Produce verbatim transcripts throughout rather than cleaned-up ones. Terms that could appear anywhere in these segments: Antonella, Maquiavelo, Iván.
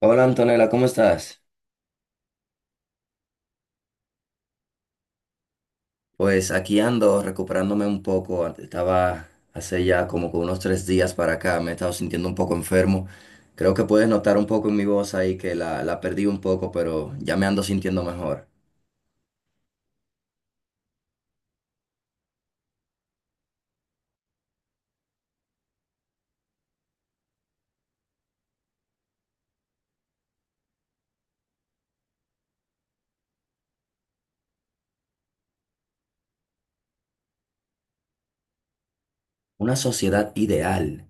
Hola Antonella, ¿cómo estás? Pues aquí ando recuperándome un poco. Estaba hace ya como que unos tres días para acá, me he estado sintiendo un poco enfermo. Creo que puedes notar un poco en mi voz ahí que la, la perdí un poco, pero ya me ando sintiendo mejor. Una sociedad ideal.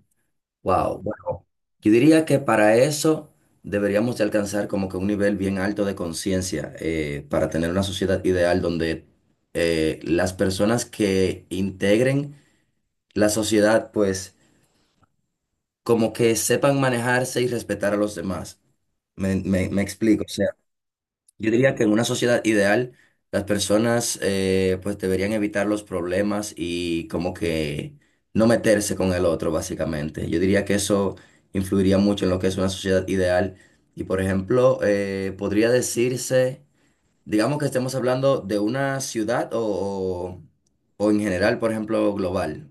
Wow. Bueno, yo diría que para eso deberíamos de alcanzar como que un nivel bien alto de conciencia eh, para tener una sociedad ideal donde eh, las personas que integren la sociedad, pues como que sepan manejarse y respetar a los demás. Me, me- me explico. O sea, yo diría que en una sociedad ideal, las personas eh, pues deberían evitar los problemas y como que no meterse con el otro, básicamente. Yo diría que eso influiría mucho en lo que es una sociedad ideal. Y por ejemplo, eh, podría decirse, digamos que estemos hablando de una ciudad o, o o en general, por ejemplo, global.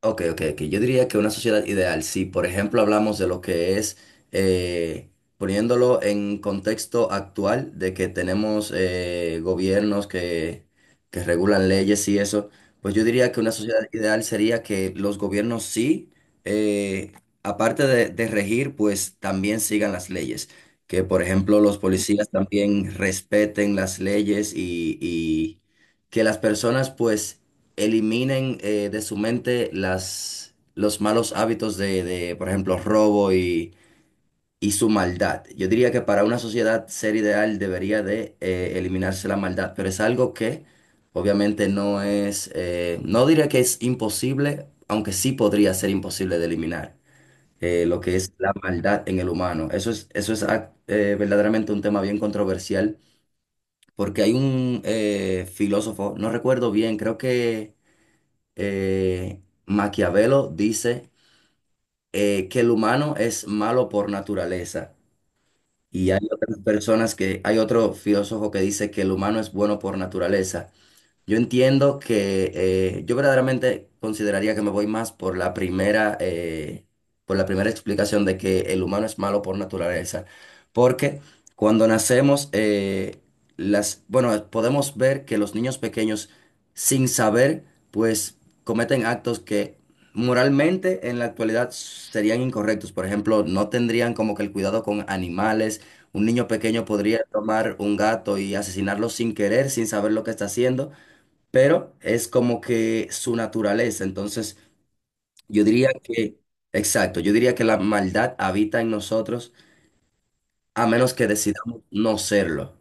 Ok, ok, ok. Yo diría que una sociedad ideal, si por ejemplo hablamos de lo que es, eh, poniéndolo en contexto actual, de que tenemos eh, gobiernos que, que regulan leyes y eso, pues yo diría que una sociedad ideal sería que los gobiernos sí, eh, aparte de, de regir, pues también sigan las leyes. Que por ejemplo los policías también respeten las leyes y, y que las personas pues eliminen eh, de su mente las, los malos hábitos de, de, por ejemplo, robo y, y su maldad. Yo diría que para una sociedad ser ideal debería de eh, eliminarse la maldad, pero es algo que obviamente no es, eh, no diría que es imposible, aunque sí podría ser imposible de eliminar. Eh, lo que es la maldad en el humano. Eso es, eso es ah, eh, verdaderamente un tema bien controversial, porque hay un eh, filósofo, no recuerdo bien, creo que eh, Maquiavelo dice eh, que el humano es malo por naturaleza. Y hay otras personas que, hay otro filósofo que dice que el humano es bueno por naturaleza. Yo entiendo que eh, yo verdaderamente consideraría que me voy más por la primera, eh, por la primera explicación de que el humano es malo por naturaleza, porque cuando nacemos, eh, las, bueno, podemos ver que los niños pequeños, sin saber, pues cometen actos que moralmente en la actualidad serían incorrectos. Por ejemplo, no tendrían como que el cuidado con animales. Un niño pequeño podría tomar un gato y asesinarlo sin querer, sin saber lo que está haciendo, pero es como que su naturaleza. Entonces, yo diría que, exacto, yo diría que la maldad habita en nosotros a menos que decidamos no serlo.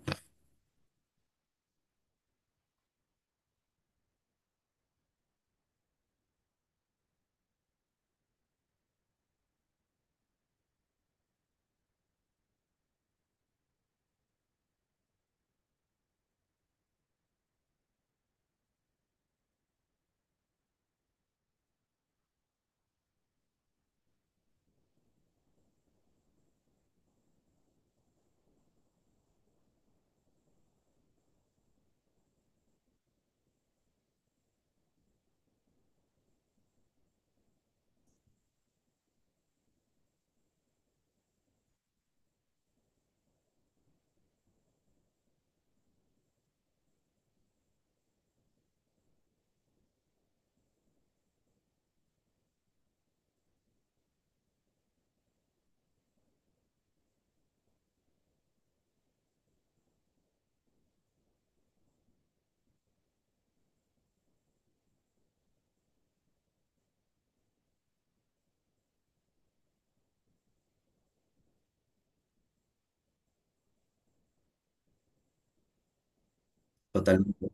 Totalmente.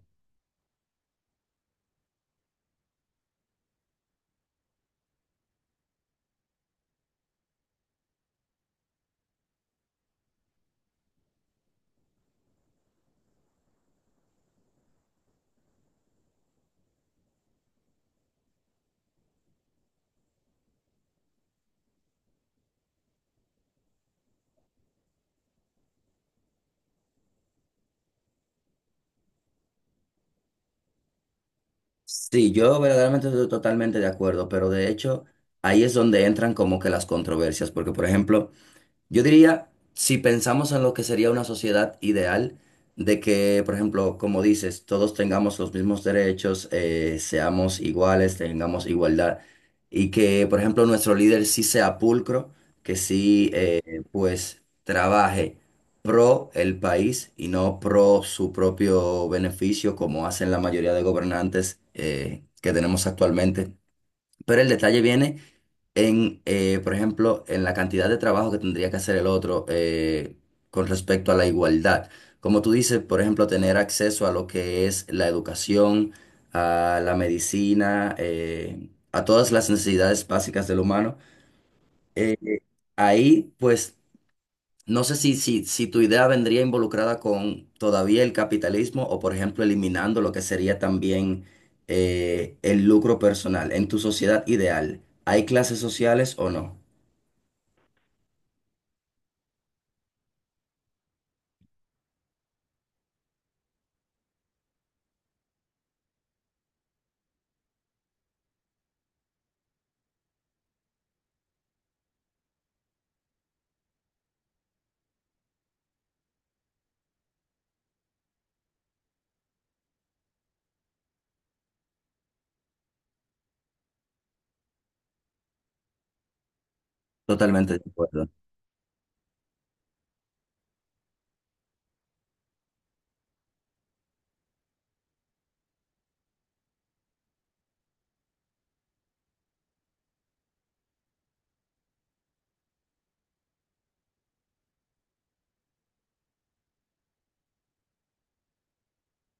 Sí, yo verdaderamente estoy totalmente de acuerdo, pero de hecho ahí es donde entran como que las controversias, porque por ejemplo, yo diría, si pensamos en lo que sería una sociedad ideal, de que, por ejemplo, como dices, todos tengamos los mismos derechos, eh, seamos iguales, tengamos igualdad, y que, por ejemplo, nuestro líder sí sea pulcro, que sí, eh, pues, trabaje pro el país y no pro su propio beneficio, como hacen la mayoría de gobernantes, eh, que tenemos actualmente. Pero el detalle viene en, eh, por ejemplo, en la cantidad de trabajo que tendría que hacer el otro eh, con respecto a la igualdad. Como tú dices, por ejemplo, tener acceso a lo que es la educación, a la medicina, eh, a todas las necesidades básicas del humano. Eh, Ahí, pues, no sé si, si, si tu idea vendría involucrada con todavía el capitalismo o, por ejemplo, eliminando lo que sería también eh, el lucro personal en tu sociedad ideal. ¿Hay clases sociales o no? Totalmente de acuerdo.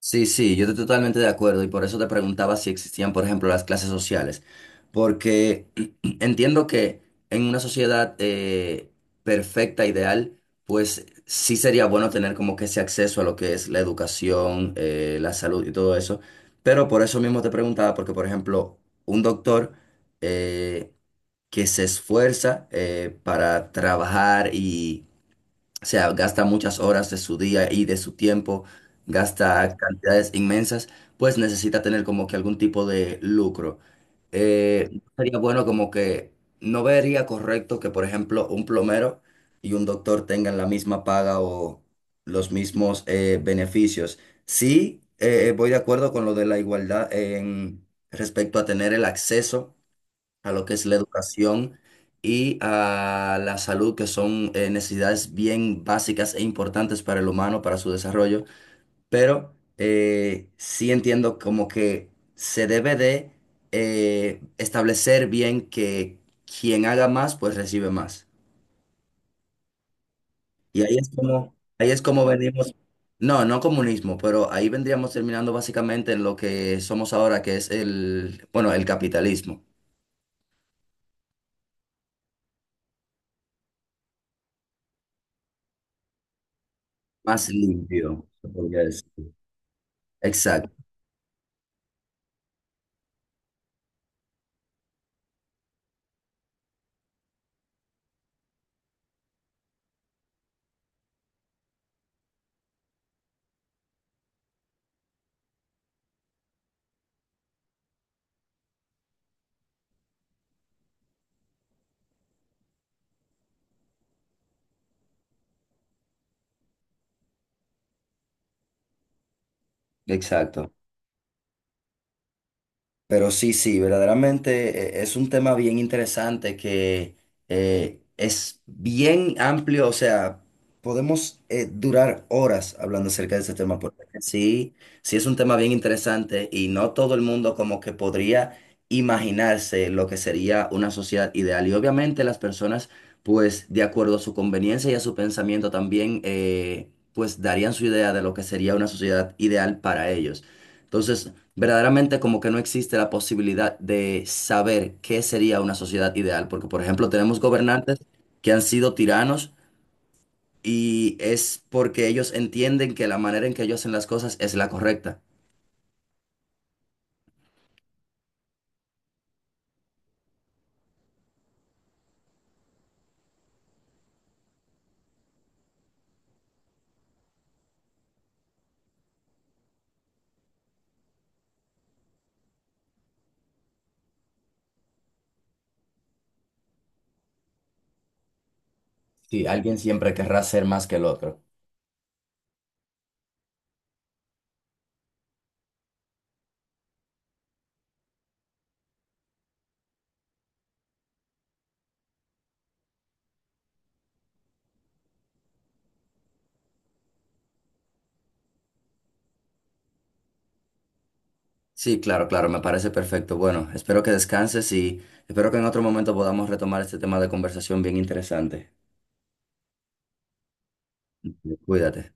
Sí, sí, yo estoy totalmente de acuerdo y por eso te preguntaba si existían, por ejemplo, las clases sociales, porque entiendo que en una sociedad eh, perfecta, ideal, pues sí sería bueno tener como que ese acceso a lo que es la educación, eh, la salud y todo eso, pero por eso mismo te preguntaba, porque por ejemplo, un doctor eh, que se esfuerza eh, para trabajar y... O sea, gasta muchas horas de su día y de su tiempo, gasta cantidades inmensas, pues necesita tener como que algún tipo de lucro. Eh, sería bueno como que no vería correcto que, por ejemplo, un plomero y un doctor tengan la misma paga o los mismos eh, beneficios. Sí, eh, voy de acuerdo con lo de la igualdad en respecto a tener el acceso a lo que es la educación y a la salud, que son eh, necesidades bien básicas e importantes para el humano, para su desarrollo. Pero eh, sí entiendo como que se debe de eh, establecer bien que quien haga más, pues recibe más. Y ahí es como, ahí es como venimos. No, no comunismo, pero ahí vendríamos terminando básicamente en lo que somos ahora, que es el, bueno, el capitalismo, más limpio, se podría decir. Exacto. Exacto. Pero sí, sí, verdaderamente eh, es un tema bien interesante que eh, es bien amplio, o sea, podemos eh, durar horas hablando acerca de este tema, porque sí, sí es un tema bien interesante y no todo el mundo como que podría imaginarse lo que sería una sociedad ideal. Y obviamente las personas, pues, de acuerdo a su conveniencia y a su pensamiento también, eh, pues, darían su idea de lo que sería una sociedad ideal para ellos. Entonces, verdaderamente como que no existe la posibilidad de saber qué sería una sociedad ideal, porque por ejemplo tenemos gobernantes que han sido tiranos y es porque ellos entienden que la manera en que ellos hacen las cosas es la correcta. Sí, alguien siempre querrá ser más que el otro. Sí, claro, claro, me parece perfecto. Bueno, espero que descanses y espero que en otro momento podamos retomar este tema de conversación bien interesante. Cuídate.